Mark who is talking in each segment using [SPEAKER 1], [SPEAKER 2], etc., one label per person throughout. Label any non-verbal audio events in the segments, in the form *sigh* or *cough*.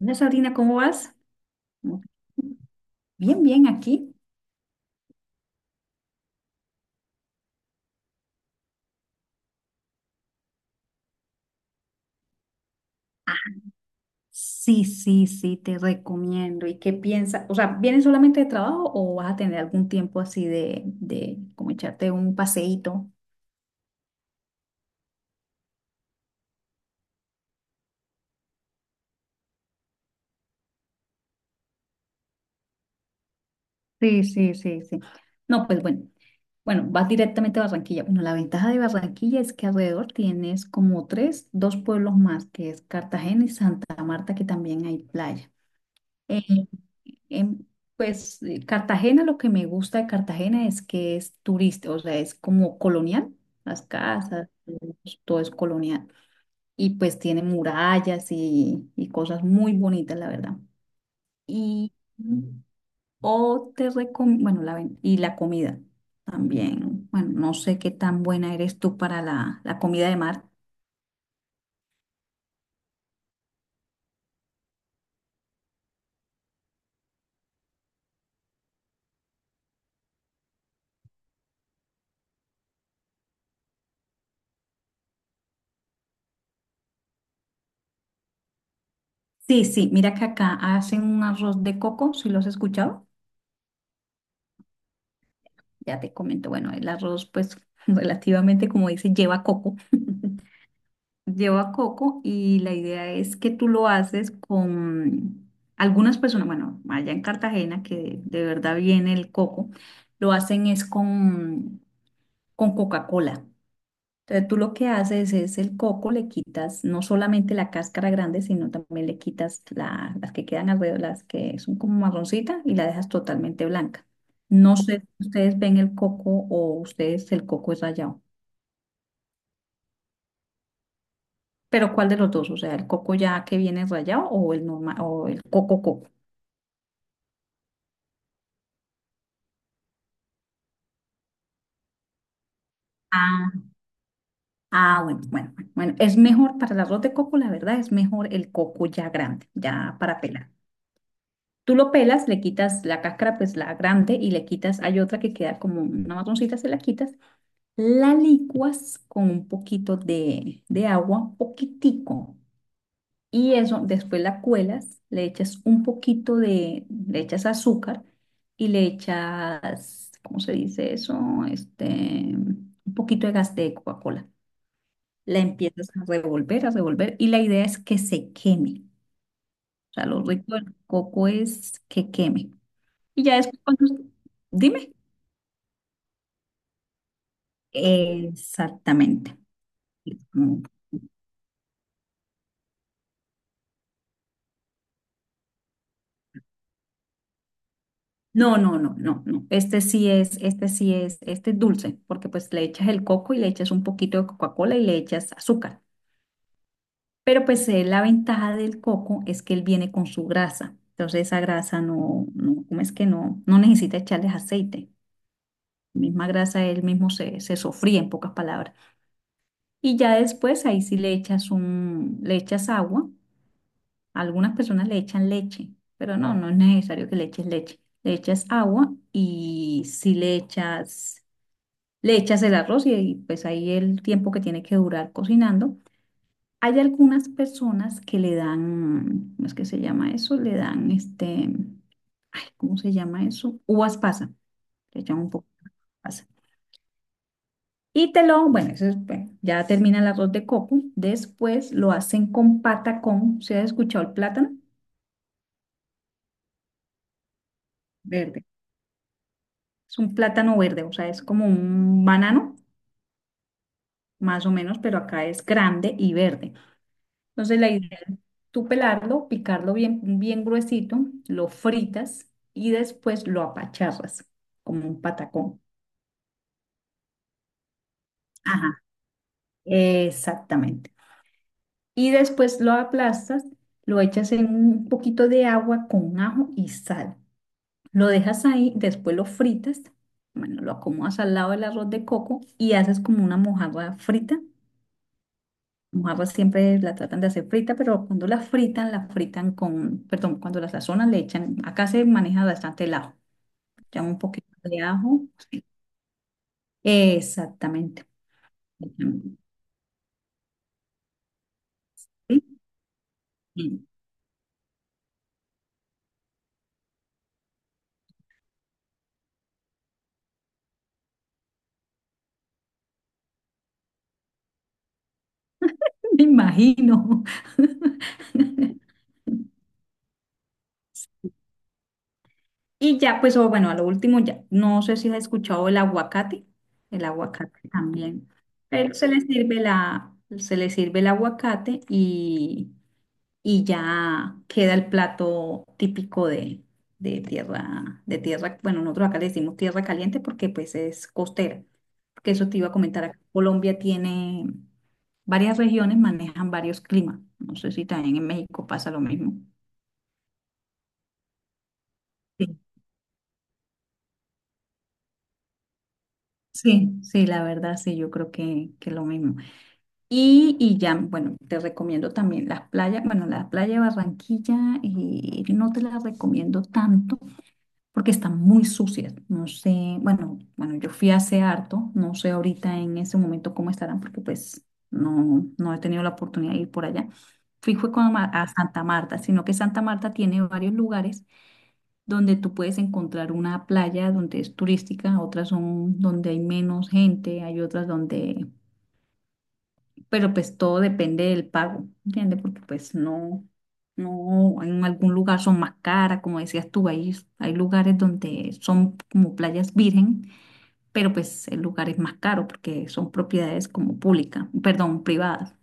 [SPEAKER 1] Hola Sabrina, ¿cómo vas? Bien, bien, aquí. Sí, sí, sí, te recomiendo. ¿Y qué piensas? O sea, ¿vienes solamente de trabajo o vas a tener algún tiempo así de como echarte un paseíto? Sí, sí, sí, sí. No, pues bueno, bueno, vas directamente a Barranquilla. Bueno, la ventaja de Barranquilla es que alrededor tienes como tres, dos pueblos más, que es Cartagena y Santa Marta, que también hay playa. Eh, En, pues Cartagena, lo que me gusta de Cartagena es que es turista, o sea, es como colonial, las casas, todo es colonial. Y pues tiene murallas y cosas muy bonitas, la verdad. Y mm, bueno, y la comida también. Bueno, no sé qué tan buena eres tú para la comida de mar. Sí, sí, mira que acá hacen un arroz de coco, ¿si lo has escuchado? Ya te comento, bueno, el arroz pues *laughs* relativamente como dice, lleva coco. *laughs* Lleva coco y la idea es que tú lo haces con algunas personas, bueno, allá en Cartagena que de, verdad viene el coco, lo hacen es con Coca-Cola. Entonces tú lo que haces es el coco, le quitas no solamente la cáscara grande, sino también le quitas las que quedan alrededor, las que son como marroncita y la dejas totalmente blanca. No sé si ustedes ven el coco o ustedes el coco es rallado, pero ¿cuál de los dos? O sea, el coco ya que viene rallado o el normal o el coco coco. Ah, ah, bueno, bueno, bueno, bueno, es mejor para el arroz de coco, la verdad, es mejor el coco ya grande, ya para pelar. Tú lo pelas, le quitas la cáscara, pues la grande, y le quitas, hay otra que queda como una marroncita, se la quitas, la licuas con un poquito de agua, un poquitico, y eso después la cuelas, le echas un poquito de, le echas azúcar y le echas, ¿cómo se dice eso? Este, un poquito de gas de Coca-Cola. La empiezas a revolver, y la idea es que se queme. O sea, lo rico del coco es que queme. Y ya después, cuando. Dime. Exactamente. Mm. No, no, no, no, no. Este sí es, este sí es, este es dulce, porque pues le echas el coco y le echas un poquito de Coca-Cola y le echas azúcar. Pero pues la ventaja del coco es que él viene con su grasa. Entonces esa grasa ¿cómo es que no? No necesita echarles aceite. La misma grasa él mismo se sofría, en pocas palabras. Y ya después ahí sí le echas un, le echas agua. A algunas personas le echan leche, pero no, no es necesario que le eches leche. Le echas agua y si le echas, le echas el arroz y pues ahí el tiempo que tiene que durar cocinando. Hay algunas personas que le dan, ¿cómo es que se llama eso? Le dan este, ay, ¿cómo se llama eso? Uvas pasa. Le echan un poco de pasa. Y te lo, bueno, eso es, bueno, ya termina el arroz de coco. Después lo hacen con patacón. ¿Se ha escuchado el plátano? ¿Verdad? Es un plátano verde, o sea, es como un banano, más o menos, pero acá es grande y verde. Entonces la idea es tú pelarlo, picarlo bien, bien gruesito, lo fritas y después lo apacharras, como un patacón. Ajá, exactamente. Y después lo aplastas, lo echas en un poquito de agua con ajo y sal. Lo dejas ahí, después lo fritas, bueno, lo acomodas al lado del arroz de coco y haces como una mojarra frita. Los arroz siempre la tratan de hacer frita, pero cuando la fritan con, perdón, cuando la sazonan le echan, acá se maneja bastante el ajo, echan un poquito de ajo. Exactamente. Sí, sí, me imagino. *laughs* Y ya, pues, o bueno, a lo último, ya, no sé si has escuchado el aguacate también, pero se le sirve la, se le sirve el aguacate y ya queda el plato típico de tierra, bueno, nosotros acá le decimos tierra caliente porque pues es costera, porque eso te iba a comentar, acá Colombia tiene varias regiones, manejan varios climas, no sé si también en México pasa lo mismo. Sí, sí, sí, la verdad, sí, yo creo que, lo mismo. Y ya, bueno, te recomiendo también las playas, bueno, la playa de Barranquilla, y no te la recomiendo tanto porque están muy sucias. No sé, bueno, bueno, yo fui hace harto, no sé ahorita en ese momento cómo estarán, porque pues no he tenido la oportunidad de ir por allá. Fui fue con, a Santa Marta, sino que Santa Marta tiene varios lugares donde tú puedes encontrar una playa donde es turística, otras son donde hay menos gente, hay otras donde, pero pues todo depende del pago, ¿entiendes? Porque pues no, no, en algún lugar son más caras, como decías tú, hay lugares donde son como playas virgen, pero pues el lugar es más caro porque son propiedades como públicas, perdón, privadas.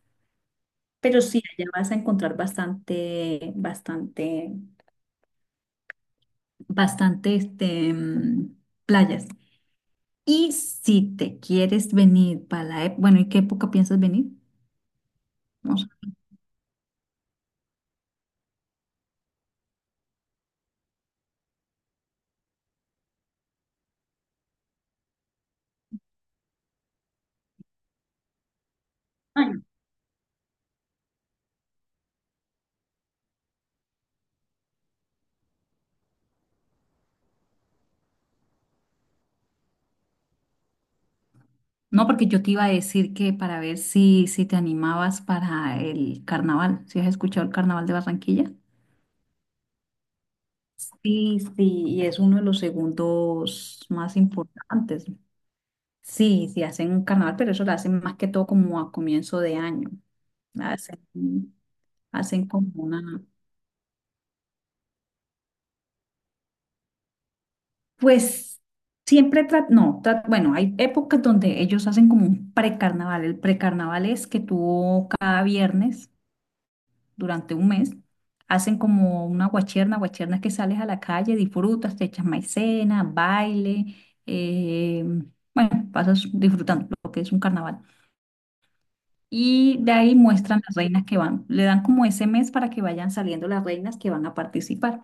[SPEAKER 1] Pero sí, allá vas a encontrar bastante, bastante, bastante, este, playas. Y si te quieres venir para la, bueno, ¿y qué época piensas venir? No sé. No, porque yo te iba a decir que para ver si te animabas para el carnaval, si has escuchado el carnaval de Barranquilla. Sí, sí, y es uno de los segundos más importantes. Sí, sí, hacen un carnaval, pero eso lo hacen más que todo como a comienzo de año. Hacen, hacen como una, pues siempre, tra- no, tra- bueno, hay épocas donde ellos hacen como un precarnaval. El precarnaval es que tú cada viernes durante un mes, hacen como una guacherna, guacherna es que sales a la calle, disfrutas, te echas maicena, baile, eh, bueno, pasas disfrutando lo que es un carnaval. Y de ahí muestran las reinas que van, le dan como ese mes para que vayan saliendo las reinas que van a participar.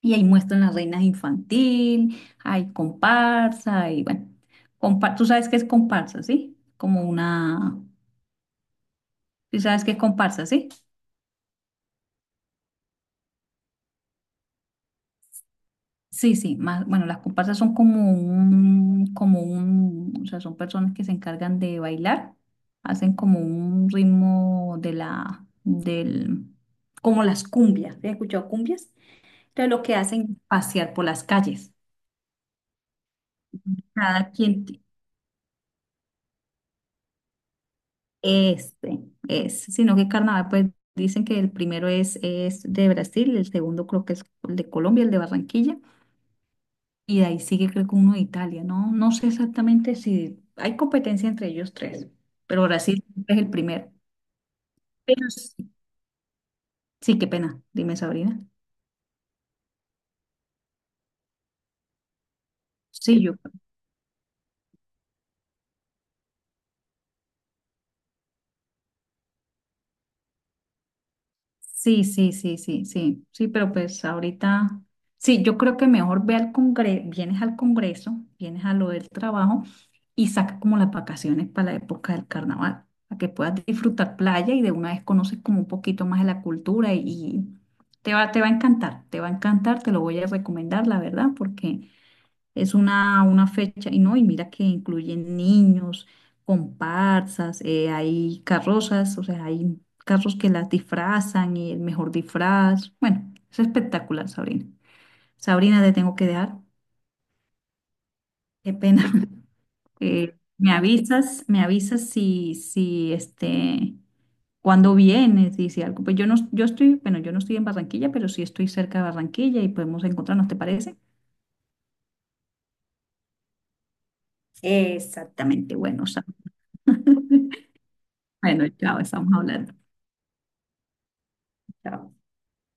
[SPEAKER 1] Y ahí muestran las reinas infantil, hay comparsa, y bueno, tú sabes qué es comparsa, ¿sí? Como una, tú sabes qué es comparsa, ¿sí? Sí, sí, más, bueno, las comparsas son como un, o sea, son personas que se encargan de bailar, hacen como un ritmo de la, del, como las cumbias, ¿te has escuchado cumbias? Entonces lo que hacen es pasear por las calles. Cada quien, este, es, sino que carnaval, pues dicen que el primero es de Brasil, el segundo creo que es el de Colombia, el de Barranquilla, y de ahí sigue creo que uno de Italia, ¿no? No sé exactamente si hay competencia entre ellos tres, pero Brasil es el primero. Pero sí, sí, qué pena, dime Sabrina. Sí, yo. Sí, sí, sí, sí, sí, sí, pero pues ahorita, sí, yo creo que mejor ve al congreso, vienes a lo del trabajo y saca como las vacaciones para la época del carnaval, para que puedas disfrutar playa y de una vez conoces como un poquito más de la cultura y te va a encantar, te va a encantar, te lo voy a recomendar, la verdad, porque es una fecha, y no, y mira que incluyen niños, comparsas, hay carrozas, o sea, hay carros que las disfrazan y el mejor disfraz. Bueno, es espectacular, Sabrina. Sabrina, te tengo que dejar. Qué pena. *laughs* Me avisas, me avisas si este, cuando vienes, y si algo. Pues yo no, yo estoy, bueno, yo no estoy en Barranquilla, pero sí estoy cerca de Barranquilla y podemos encontrarnos, ¿te parece? Exactamente. Exactamente, bueno, Sam. *laughs* Bueno, chao, estamos hablando. Chao.